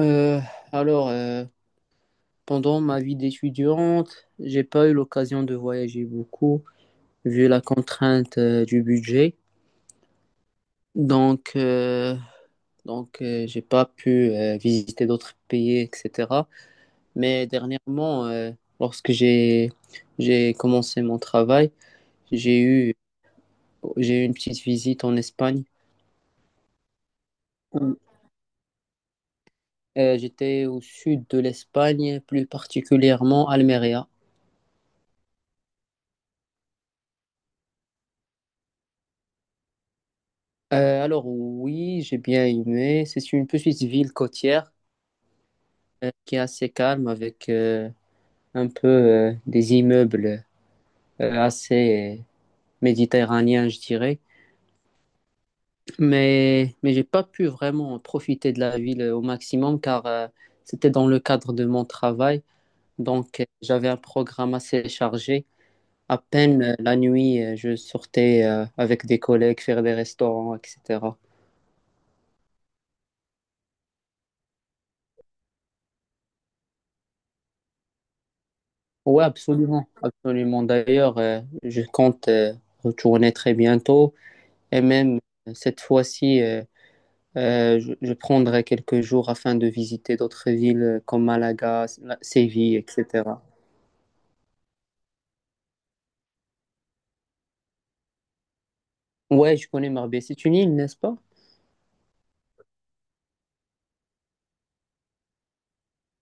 Euh, alors, euh, Pendant ma vie d'étudiante, j'ai pas eu l'occasion de voyager beaucoup vu la contrainte du budget. Donc, euh, donc, j'ai pas pu visiter d'autres pays, etc. Mais dernièrement, lorsque j'ai commencé mon travail, j'ai eu j'ai eu une petite visite en Espagne. J'étais au sud de l'Espagne, plus particulièrement Almeria. Alors oui, j'ai bien aimé. C'est une petite ville côtière qui est assez calme avec un peu des immeubles assez méditerranéens, je dirais. Mais j'ai pas pu vraiment profiter de la ville au maximum car c'était dans le cadre de mon travail. Donc j'avais un programme assez chargé. À peine la nuit, je sortais avec des collègues faire des restaurants, etc. Oui, absolument, absolument. D'ailleurs, je compte retourner très bientôt et même cette fois-ci, je prendrai quelques jours afin de visiter d'autres villes comme Malaga, Séville, etc. Ouais, je connais Marbella. C'est une île, n'est-ce pas?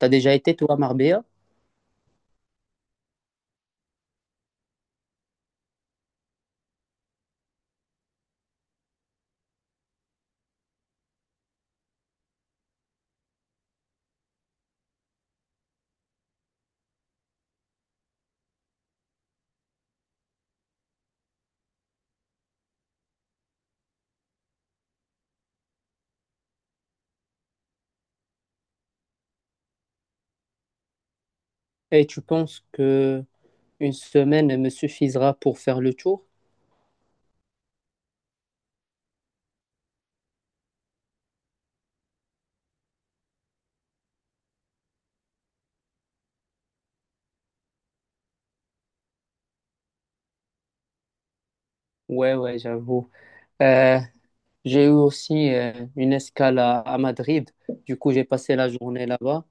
T'as déjà été, toi, à Marbella? Et tu penses que une semaine me suffisera pour faire le tour? Ouais, ouais, j'avoue. Euh, j'ai eu aussi une escale à Madrid. Du coup, j'ai passé la journée là-bas.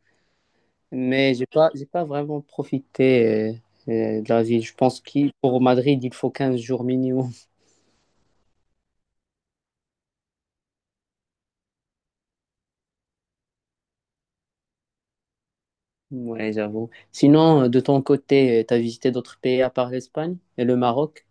Mais j'ai pas vraiment profité de la ville. Je pense qu'il pour Madrid, il faut 15 jours minimum. Ouais, j'avoue. Sinon, de ton côté, tu as visité d'autres pays à part l'Espagne et le Maroc?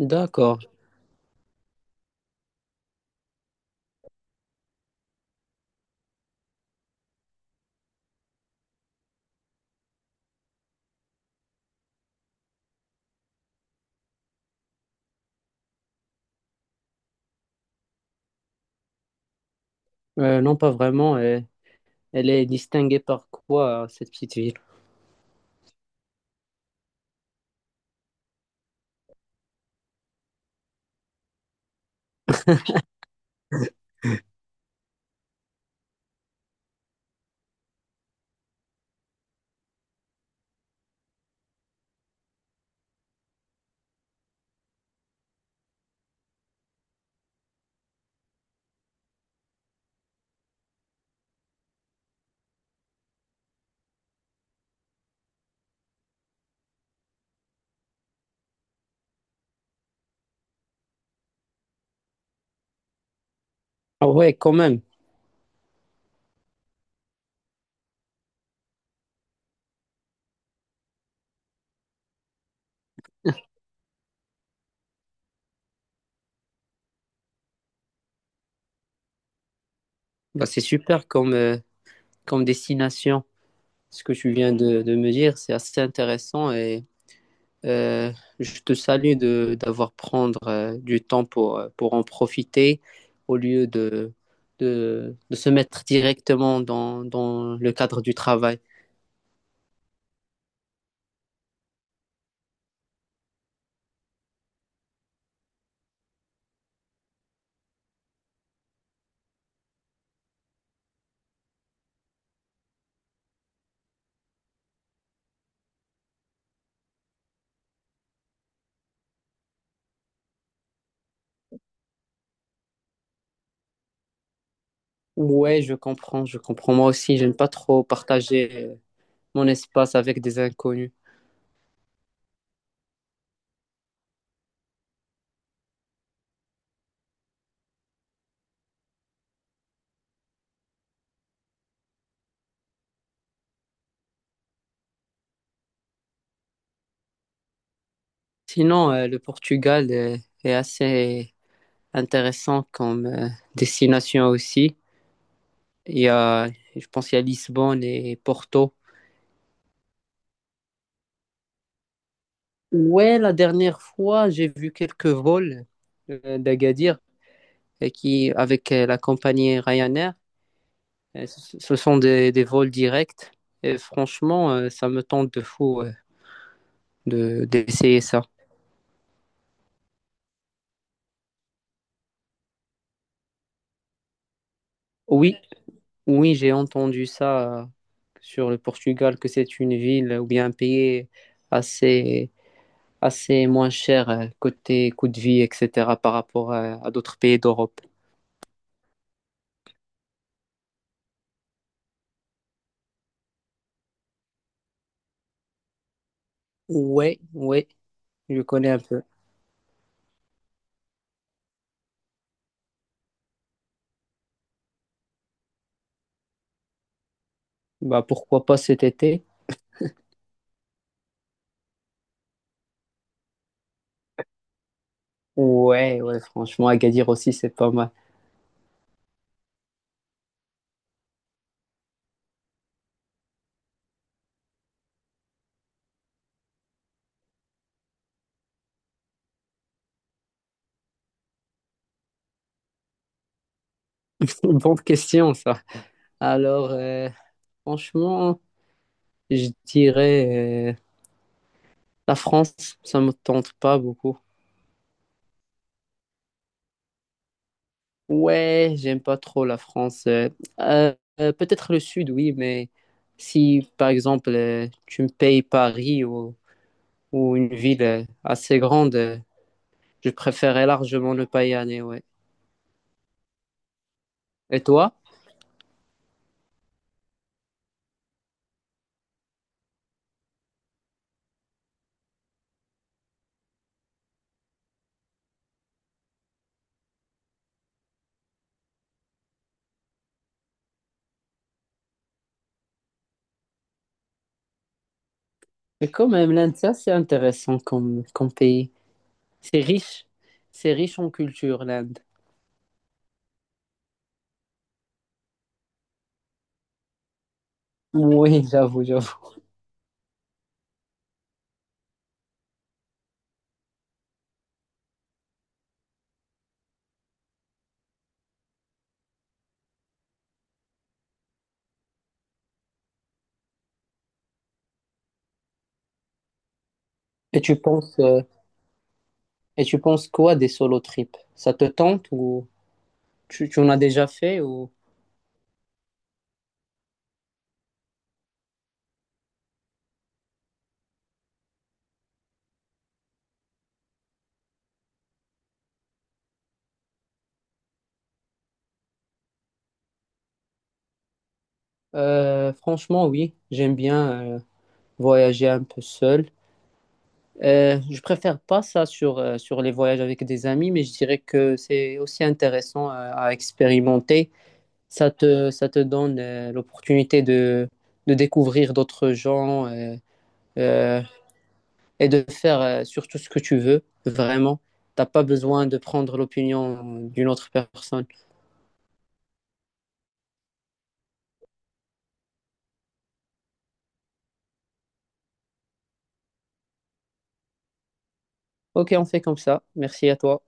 D'accord. Non, pas vraiment. Elle est distinguée par quoi, cette petite ville? Ah ouais, quand même. Bah, c'est super comme, comme destination. Ce que tu viens de me dire, c'est assez intéressant et Euh, je te salue de d'avoir prendre du temps pour en profiter au lieu de se mettre directement dans le cadre du travail. Ouais, je comprends, je comprends. Moi aussi, j'aime pas trop partager mon espace avec des inconnus. Sinon, le Portugal est assez intéressant comme destination aussi. Il y a, je pense, il y a Lisbonne et Porto. Ouais, la dernière fois, j'ai vu quelques vols d'Agadir qui, avec la compagnie Ryanair. Ce sont des vols directs. Et franchement, ça me tente de fou d'essayer ça. Oui, oui, j'ai entendu ça sur le Portugal, que c'est une ville ou bien un pays assez, assez moins cher côté coût de vie, etc., par rapport à d'autres pays d'Europe. Ouais, ouais, je connais un peu. Bah, pourquoi pas cet été? Ouais, ouais, franchement, Agadir aussi, c'est pas mal. Bonne question, ça. Alors, franchement, je dirais la France, ça me tente pas beaucoup. Ouais, j'aime pas trop la France. Euh, Peut-être le Sud, oui, mais si, par exemple, tu me payes Paris ou une ville assez grande, je préférerais largement ne pas y aller, ouais. Et toi? Mais quand même, l'Inde, ça, c'est intéressant comme, comme pays. C'est riche, c'est riche en culture, l'Inde. Oui, j'avoue, j'avoue. Et tu penses, euh, et tu penses quoi des solo trips? Ça te tente ou tu en as déjà fait ou franchement, oui, j'aime bien voyager un peu seul. Je préfère pas ça sur, sur les voyages avec des amis, mais je dirais que c'est aussi intéressant à expérimenter. Ça te donne l'opportunité de découvrir d'autres gens. Euh, et de faire surtout ce que tu veux, vraiment. T'as pas besoin de prendre l'opinion d'une autre personne. Ok, on fait comme ça. Merci à toi.